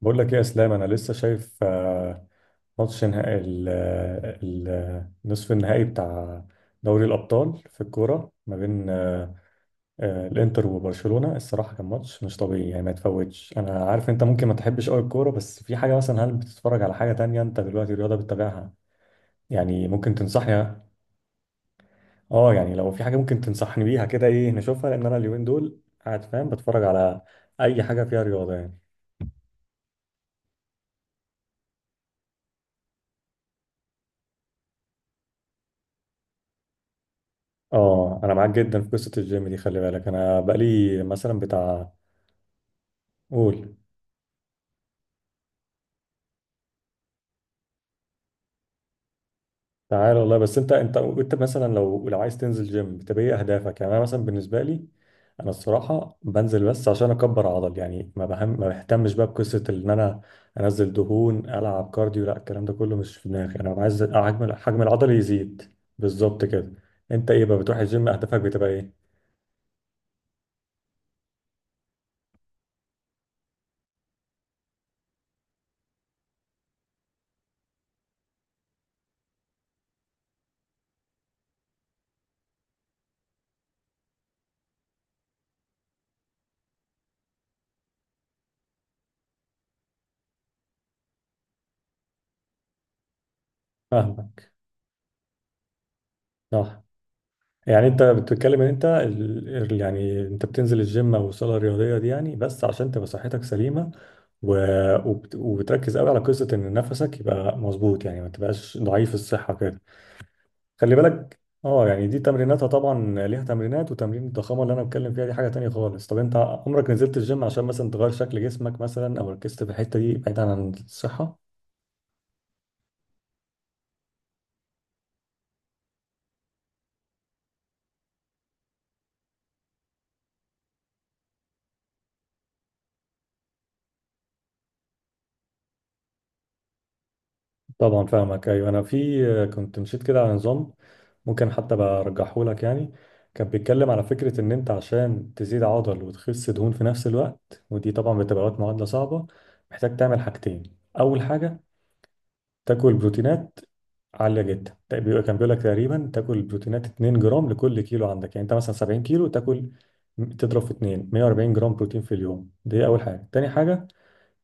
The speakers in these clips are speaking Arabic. بقول لك ايه يا اسلام؟ انا لسه شايف ماتش نهائي نصف النهائي بتاع دوري الابطال في الكوره، ما بين الانتر وبرشلونه. الصراحه كان ماتش مش طبيعي يعني، ما يتفوتش. انا عارف انت ممكن ما تحبش قوي الكوره، بس في حاجه مثلا، هل بتتفرج على حاجه تانية؟ انت دلوقتي رياضه بتتابعها؟ يعني ممكن تنصحني؟ اه يعني، لو في حاجه ممكن تنصحني بيها كده، ايه نشوفها؟ لان انا اليومين دول قاعد فاهم بتفرج على اي حاجه فيها رياضه يعني. اه انا معاك جدا في قصه الجيم دي، خلي بالك انا بقالي مثلا بتاع. قول. تعال والله، بس انت مثلا، لو عايز تنزل جيم، بتبقى ايه اهدافك؟ يعني انا مثلا بالنسبه لي، انا الصراحه بنزل بس عشان اكبر عضل، يعني ما بهتمش بقى بقصه ان انا انزل دهون، العب كارديو، لا، الكلام ده كله مش في دماغي. انا عايز حجم العضل يزيد بالظبط كده. انت ايه بقى، بتروح الجيم اهدافك بتبقى ايه؟ فاهمك. صح. يعني انت بتتكلم ان انت يعني انت بتنزل الجيم او الصاله الرياضيه دي يعني بس عشان تبقى صحتك سليمه، و... وبتركز قوي على قصه ان نفسك يبقى مظبوط، يعني ما تبقاش ضعيف الصحه كده. خلي بالك. اه يعني دي تمريناتها طبعا، ليها تمرينات، وتمرين الضخامه اللي انا بتكلم فيها دي حاجه تانية خالص. طب انت عمرك نزلت الجيم عشان مثلا تغير شكل جسمك مثلا، او ركزت في الحته دي بعيدا عن الصحه؟ طبعا فاهمك. ايوه انا في كنت مشيت كده على نظام، ممكن حتى برجحه لك يعني. كان بيتكلم على فكره ان انت عشان تزيد عضل وتخس دهون في نفس الوقت، ودي طبعا بتبقى وقت معادله صعبه، محتاج تعمل حاجتين. اول حاجه تاكل بروتينات عاليه جدا، ده كان بيقول لك تقريبا تاكل بروتينات 2 جرام لكل كيلو عندك، يعني انت مثلا 70 كيلو، تاكل، تضرب في 2، 140 جرام بروتين في اليوم. دي اول حاجه. تاني حاجه،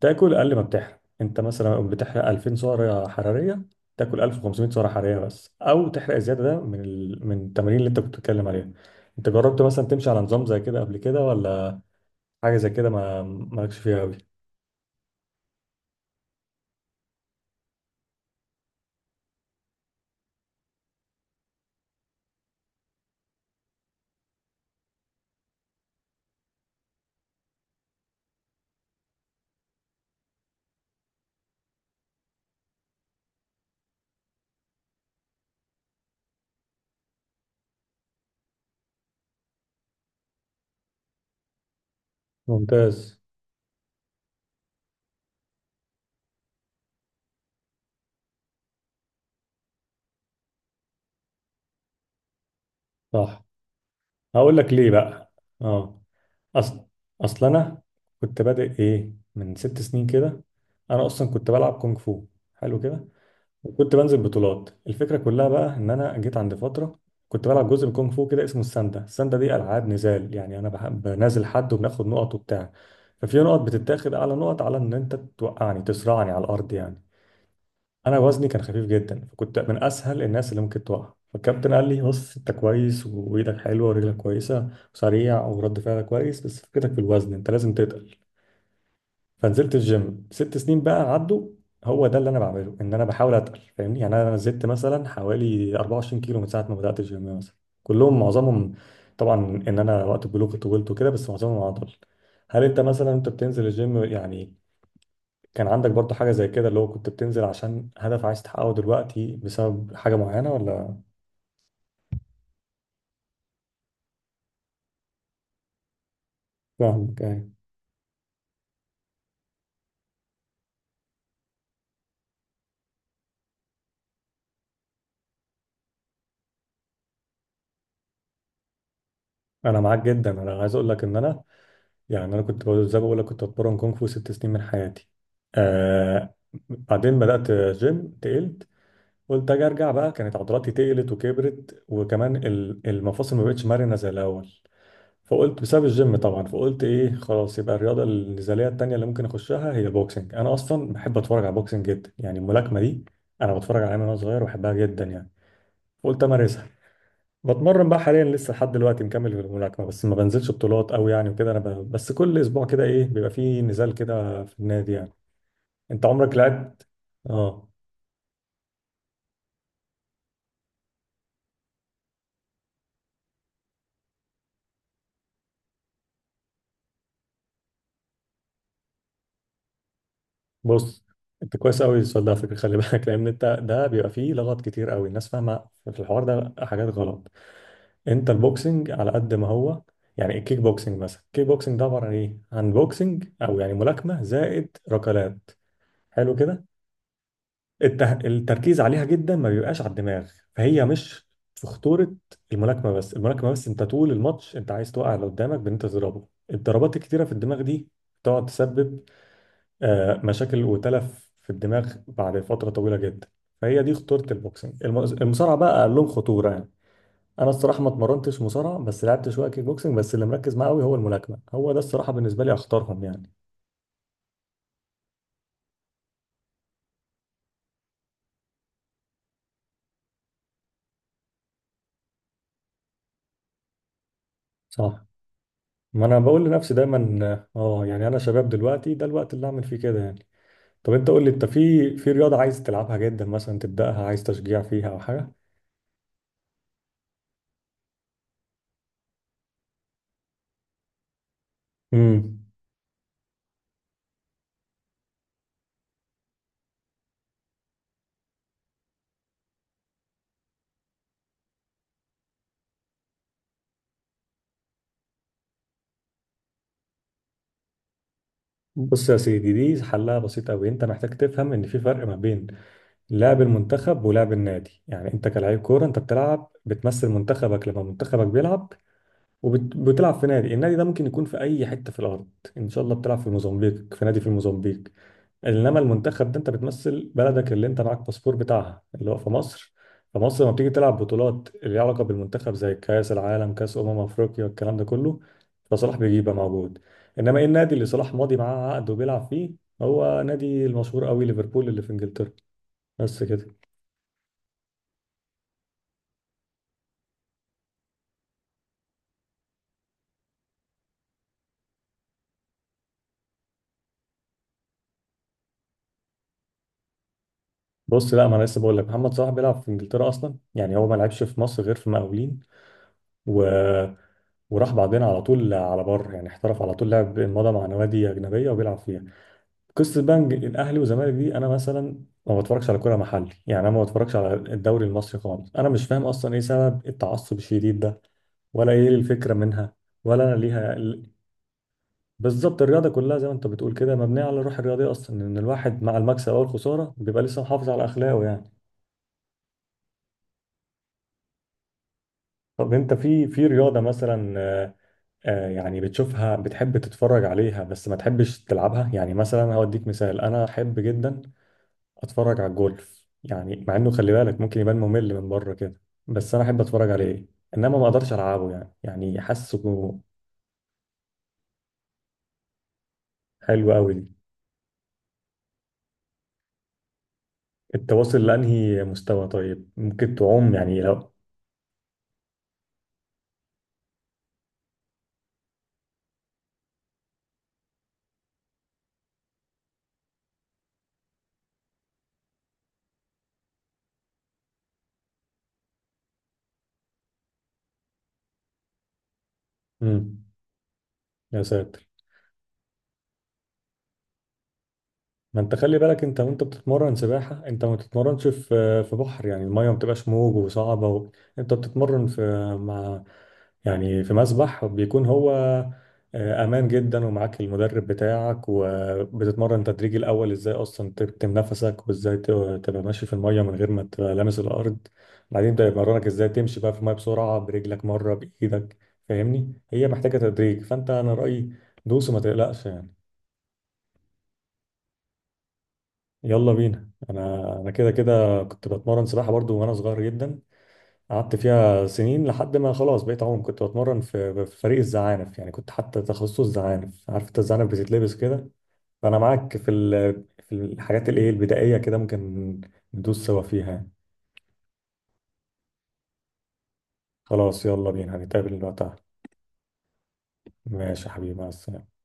تاكل اقل ما بتحرق، انت مثلا لو بتحرق 2000 سعره حراريه، تاكل 1500 سعره حراريه بس، او تحرق الزياده ده من من التمارين اللي انت كنت بتتكلم عليها. انت جربت مثلا تمشي على نظام زي كده قبل كده، ولا حاجه زي كده ما مالكش فيها قوي؟ ممتاز. صح. هقول لك ليه بقى. اه، اصل اصل انا كنت بادئ ايه من 6 سنين كده. انا اصلا كنت بلعب كونغ فو. حلو كده. وكنت بنزل بطولات. الفكرة كلها بقى، إن أنا جيت عند فترة كنت بلعب جزء من كونغ فو كده اسمه الساندا. الساندا دي ألعاب نزال، يعني أنا بحب بنازل حد وبناخد نقط وبتاع، ففي نقط بتتاخد أعلى نقط على إن أنت توقعني، تصرعني على الأرض يعني. أنا وزني كان خفيف جدا، فكنت من أسهل الناس اللي ممكن توقع. فالكابتن قال لي بص أنت كويس، وإيدك حلوة ورجلك كويسة، وسريع ورد فعلك كويس، بس فكرتك في الوزن أنت لازم تتقل. فنزلت الجيم 6 سنين بقى عدوا. هو ده اللي انا بعمله، ان انا بحاول اتقل، فاهمني؟ يعني انا نزلت مثلا حوالي 24 كيلو من ساعه ما بدات الجيم مثلا. كلهم، معظمهم طبعا ان انا وقت البلوغ كنت طولت وكده، بس معظمهم عضل. هل انت مثلا انت بتنزل الجيم يعني، كان عندك برضو حاجه زي كده؟ اللي هو كنت بتنزل عشان هدف عايز تحققه دلوقتي بسبب حاجه معينه، ولا؟ فاهمك يعني. انا معاك جدا. انا عايز اقول لك ان انا، يعني انا كنت زي ما بقول لك كنت بتمرن كونغ فو 6 سنين من حياتي. آه. بعدين بدأت جيم، تقلت. قلت اجي ارجع بقى، كانت عضلاتي تقلت وكبرت، وكمان المفاصل ما بقتش مرنه زي الاول، فقلت بسبب الجيم طبعا. فقلت ايه، خلاص يبقى الرياضه النزاليه التانيه اللي ممكن اخشها هي بوكسنج. انا اصلا بحب اتفرج على بوكسنج جدا يعني، الملاكمه دي انا بتفرج عليها من وانا صغير وبحبها جدا يعني. قلت امارسها. بتمرن بقى حاليا لسه لحد دلوقتي مكمل في الملاكمه، بس ما بنزلش بطولات قوي يعني، وكده انا بس كل اسبوع كده ايه بيبقى فيه نزال كده في النادي يعني. انت عمرك لعبت؟ اه. بص، انت كويس قوي السؤال ده على فكره، خلي بالك، لان انت ده بيبقى فيه لغط كتير قوي، الناس فاهمه في الحوار ده حاجات غلط. انت البوكسنج على قد ما هو، يعني الكيك بوكسنج مثلا، الكيك بوكسنج ده عباره عن ايه؟ عن بوكسنج، او يعني ملاكمه زائد ركلات. حلو كده. التركيز عليها جدا ما بيبقاش على الدماغ، فهي مش في خطورة. الملاكمة بس انت طول الماتش انت عايز توقع اللي قدامك بان انت تضربه الضربات الكتيرة في الدماغ دي، تقعد تسبب مشاكل وتلف في الدماغ بعد فترة طويلة جدا. فهي دي خطورة البوكسنج. المصارعة بقى اقل لهم خطورة يعني. انا الصراحة ما اتمرنتش مصارعة، بس لعبت شوية كيك بوكسنج، بس اللي مركز معاه قوي هو الملاكمة. هو ده الصراحة بالنسبة لي اخطرهم يعني. صح. ما انا بقول لنفسي دايما، اه يعني انا شباب دلوقتي، ده الوقت اللي اعمل فيه كده يعني. طب انت قول لي، انت في في رياضه عايز تلعبها جدا مثلا تبداها، عايز تشجيع فيها او حاجه؟ امم بص يا سيدي، دي حلها بسيط قوي. انت محتاج تفهم ان في فرق ما بين لعب المنتخب ولعب النادي. يعني انت كلاعب كوره، انت بتلعب بتمثل منتخبك لما منتخبك بيلعب، وبتلعب في نادي. النادي ده ممكن يكون في اي حته في الارض، ان شاء الله بتلعب في الموزمبيق في نادي في الموزمبيق. انما المنتخب ده انت بتمثل بلدك اللي انت معاك باسبور بتاعها، اللي هو في مصر. فمصر لما بتيجي تلعب بطولات اللي ليها علاقه بالمنتخب، زي كاس العالم، كاس افريقيا، الكلام ده كله، فصلاح بيجي يبقى موجود. انما ايه النادي اللي صلاح ماضي معاه عقد وبيلعب فيه؟ هو نادي المشهور قوي، ليفربول اللي في انجلترا. بس كده. بص، لا، ما انا لسه بقول لك محمد صلاح بيلعب في انجلترا اصلا. يعني هو ما لعبش في مصر غير في مقاولين، و... وراح بعدين على طول على بره يعني، احترف على طول، لعب مضى مع نوادي اجنبيه وبيلعب فيها. قصه بقى إن الاهلي والزمالك دي، انا مثلا ما بتفرجش على كوره محلي يعني، انا ما بتفرجش على الدوري المصري خالص، انا مش فاهم اصلا ايه سبب التعصب الشديد ده، ولا ايه الفكره منها، ولا انا ليها. بالظبط، الرياضه كلها زي ما انت بتقول كده مبنيه على الروح الرياضيه اصلا، ان الواحد مع المكسب او الخساره بيبقى لسه محافظ على اخلاقه يعني. طب انت في في رياضه مثلا، يعني بتشوفها بتحب تتفرج عليها بس ما تحبش تلعبها يعني؟ مثلا هوديك مثال، انا احب جدا اتفرج على الجولف يعني، مع انه خلي بالك ممكن يبان ممل من بره كده، بس انا احب اتفرج عليه، انما ما اقدرش العبه يعني، يعني حاسه. حلو قوي دي. انت واصل لانهي مستوى طيب؟ ممكن تعوم يعني لو؟ امم. يا ساتر. ما انت خلي بالك، انت وانت بتتمرن سباحة انت ما بتتمرنش في في بحر يعني، المية ما بتبقاش موج وصعبة، انت بتتمرن في، مع، يعني في مسبح بيكون هو امان جدا ومعاك المدرب بتاعك، وبتتمرن تدريجي الاول ازاي اصلا تكتم نفسك، وازاي تبقى ماشي في الميه من غير ما تبقى لامس الارض، بعدين ده يمرنك ازاي تمشي بقى في الميه بسرعه برجلك مره بايدك. فاهمني، هي محتاجه تدريج، فانت انا رايي دوس وما تقلقش يعني. يلا بينا، انا كده كده كنت بتمرن سباحه برضو وانا صغير جدا. قعدت فيها سنين لحد ما خلاص بقيت عوم، كنت بتمرن في فريق الزعانف يعني، كنت حتى تخصص زعانف، عارف انت الزعانف بتتلبس كده. فانا معاك في الحاجات الايه البدائيه كده، ممكن ندوس سوا فيها يعني. خلاص يلا بينا هنتقابل وقتها. ماشي يا حبيبي، مع السلامه.